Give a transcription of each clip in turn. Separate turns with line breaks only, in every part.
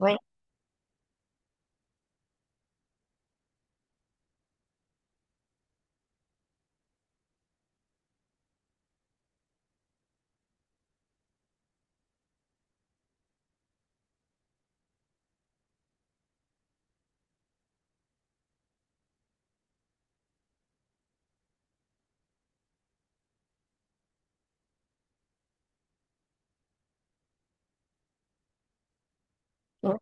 Oui, oui.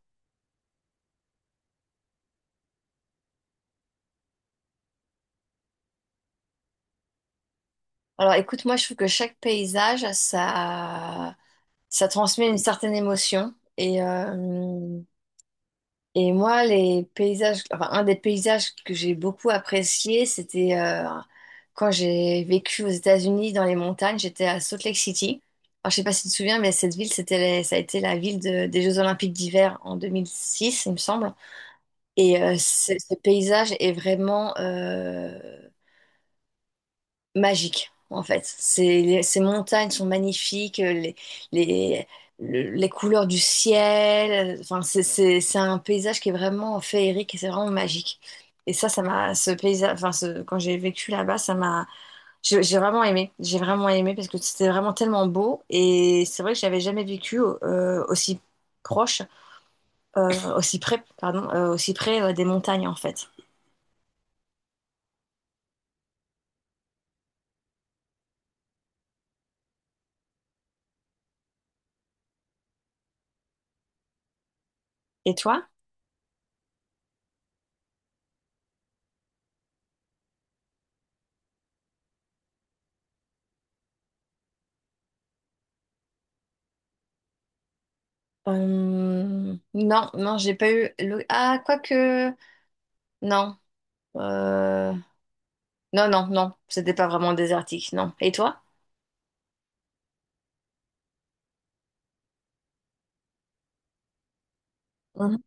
Alors écoute, moi je trouve que chaque paysage, ça transmet une certaine émotion. Et moi, les paysages, enfin, un des paysages que j'ai beaucoup apprécié, c'était quand j'ai vécu aux États-Unis dans les montagnes, j'étais à Salt Lake City. Alors, je sais pas si tu te souviens, mais cette ville, c'était ça a été la ville des Jeux Olympiques d'hiver en 2006, il me semble. Et ce paysage est vraiment magique, en fait. Ces montagnes sont magnifiques, les, les couleurs du ciel. Enfin, c'est un paysage qui est vraiment féerique et c'est vraiment magique. Et ce paysage, enfin, quand j'ai vécu là-bas, ça m'a, j'ai vraiment aimé. J'ai vraiment aimé parce que c'était vraiment tellement beau. Et c'est vrai que j'avais jamais vécu aussi proche, aussi près, pardon, aussi près des montagnes, en fait. Et toi? Non, non, j'ai pas eu. Ah, quoique. Non. Euh, Non, non, non. C'était pas vraiment désertique, non. Et toi? Mhm.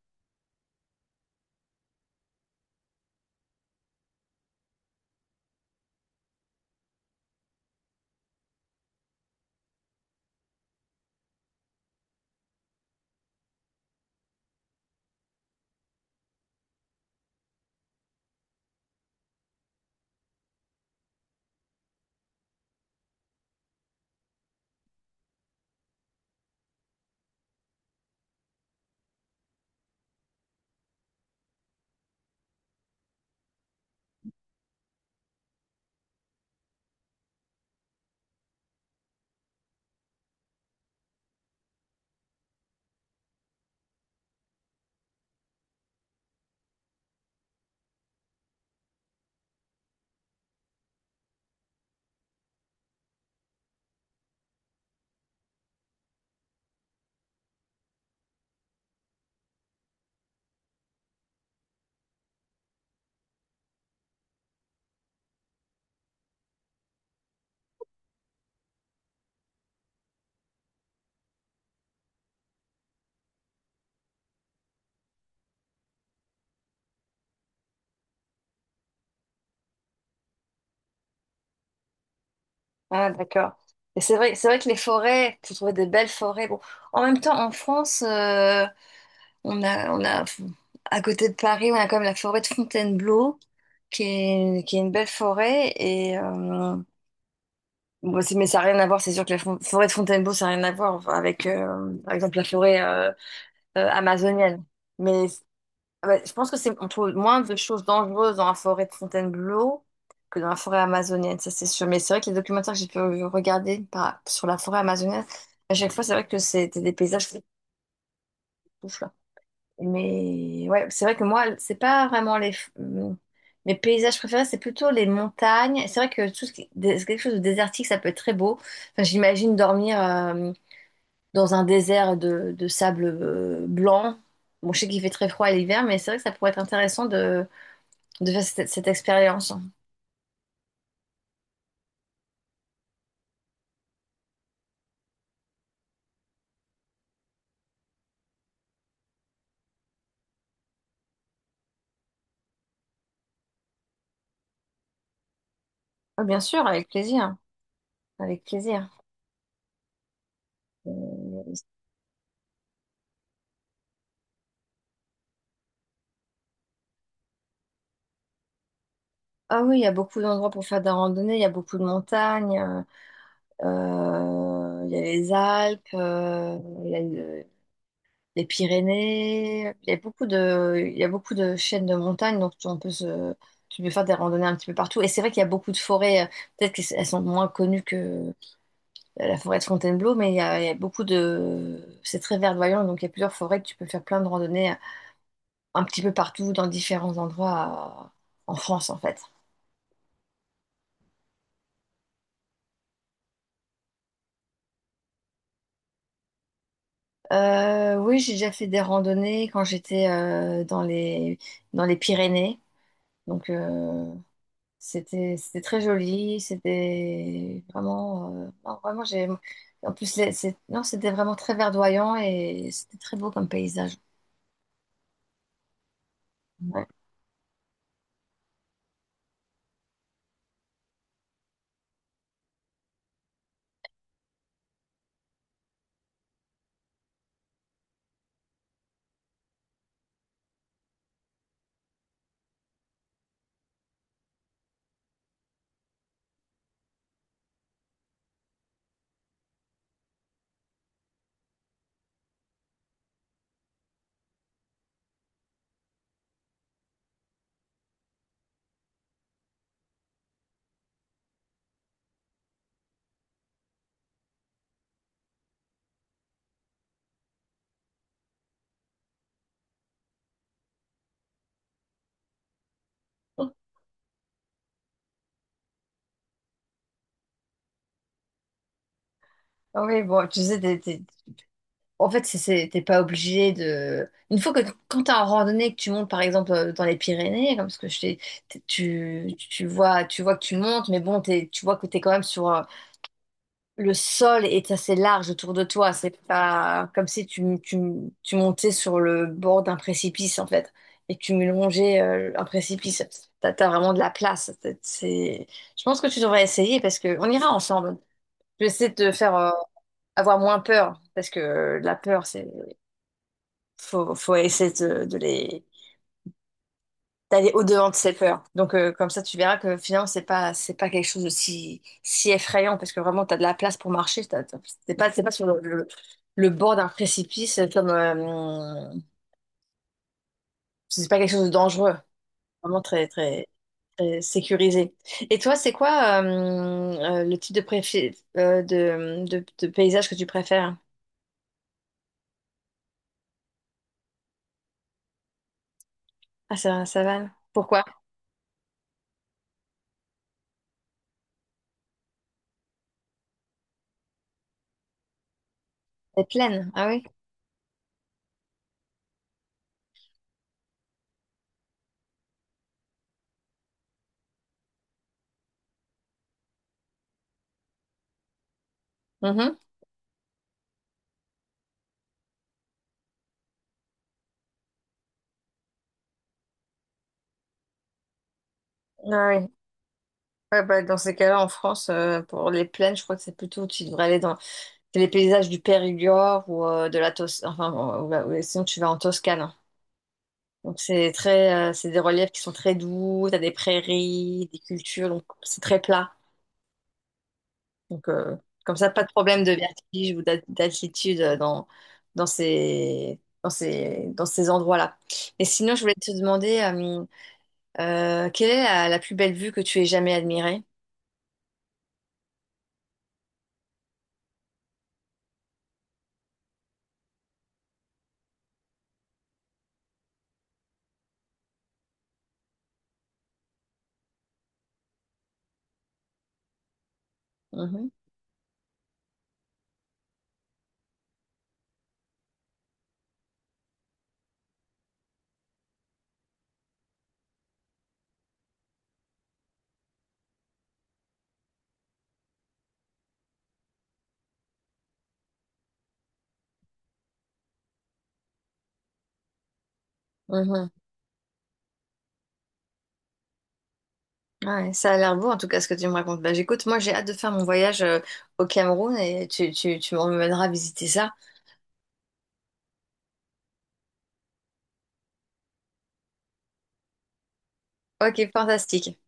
Ah, d'accord. Et c'est vrai que les forêts, tu trouver des belles forêts. Bon, en même temps, en France, on a, à côté de Paris, on a quand même la forêt de Fontainebleau, qui est une belle forêt. Et bon, mais ça n'a rien à voir. C'est sûr que la forêt de Fontainebleau, ça n'a rien à voir avec, par exemple, la forêt amazonienne. Mais ah bah, je pense que on trouve moins de choses dangereuses dans la forêt de Fontainebleau que dans la forêt amazonienne, ça c'est sûr. Mais c'est vrai que les documentaires que j'ai pu regarder sur la forêt amazonienne, à chaque fois, c'est vrai que c'était des paysages ouf, là. Mais ouais, c'est vrai que moi, c'est pas vraiment hum, mes paysages préférés, c'est plutôt les montagnes. Et c'est vrai que tout ce qui quelque chose de désertique, ça peut être très beau. Enfin, j'imagine dormir dans un désert de sable blanc. Bon, je sais qu'il fait très froid à l'hiver, mais c'est vrai que ça pourrait être intéressant de faire cette expérience. Ah, bien sûr, avec plaisir, avec plaisir. Euh, Ah oui, il y a beaucoup d'endroits pour faire de la randonnée, il y a beaucoup de montagnes, il y a les Alpes, il y a les Pyrénées, il y a il y a beaucoup de chaînes de montagnes, donc on peut tu peux faire des randonnées un petit peu partout. Et c'est vrai qu'il y a beaucoup de forêts, peut-être qu'elles sont moins connues que la forêt de Fontainebleau, mais il y a beaucoup de, c'est très verdoyant, donc il y a plusieurs forêts que tu peux faire plein de randonnées un petit peu partout, dans différents endroits en France, en fait. Oui, j'ai déjà fait des randonnées quand j'étais dans les Pyrénées. Donc, c'était très joli. C'était vraiment. Non, vraiment, j'ai. En plus, non, c'était vraiment très verdoyant et c'était très beau comme paysage. Ouais. Ah oui, bon, tu sais, en fait, t'es pas obligé de. Une fois que quand t'es en randonnée, que tu montes par exemple dans les Pyrénées, comme ce que je t'ai, tu vois que tu montes, mais bon, tu vois que t'es quand même sur le sol et c'est assez large autour de toi. C'est pas comme si tu montais sur le bord d'un précipice en fait et que tu me longeais un précipice. T'as vraiment de la place. Je pense que tu devrais essayer parce que on ira ensemble. Je vais essayer de te faire avoir moins peur parce que la peur, c'est faut, faut essayer de les d'aller au-devant de ses peurs. Donc comme ça tu verras que finalement c'est pas quelque chose de si effrayant parce que vraiment tu as de la place pour marcher, c'est pas sur le bord d'un précipice comme c'est pas quelque chose de dangereux, vraiment très sécurisé. Et toi, c'est quoi le type de, de paysage que tu préfères? Ah, c'est la savane. Pourquoi? Les plaines, ah oui. Mhm. Ah oui. Ouais, bah, dans ces cas-là, en France, pour les plaines, je crois que c'est plutôt, tu devrais aller dans c'est les paysages du Périgord ou de la Toscane, enfin, bon, sinon tu vas en Toscane, hein. Donc c'est très, c'est des reliefs qui sont très doux, t'as des prairies, des cultures, donc c'est très plat. Donc comme ça, pas de problème de vertige ou d'altitude dans dans ces endroits-là. Et sinon, je voulais te demander, quelle est la plus belle vue que tu aies jamais admirée? Mhm, mhm. Ouais, ça a l'air beau en tout cas ce que tu me racontes. Bah, j'écoute, moi j'ai hâte de faire mon voyage au Cameroun et tu m'emmèneras visiter ça. Ok, fantastique.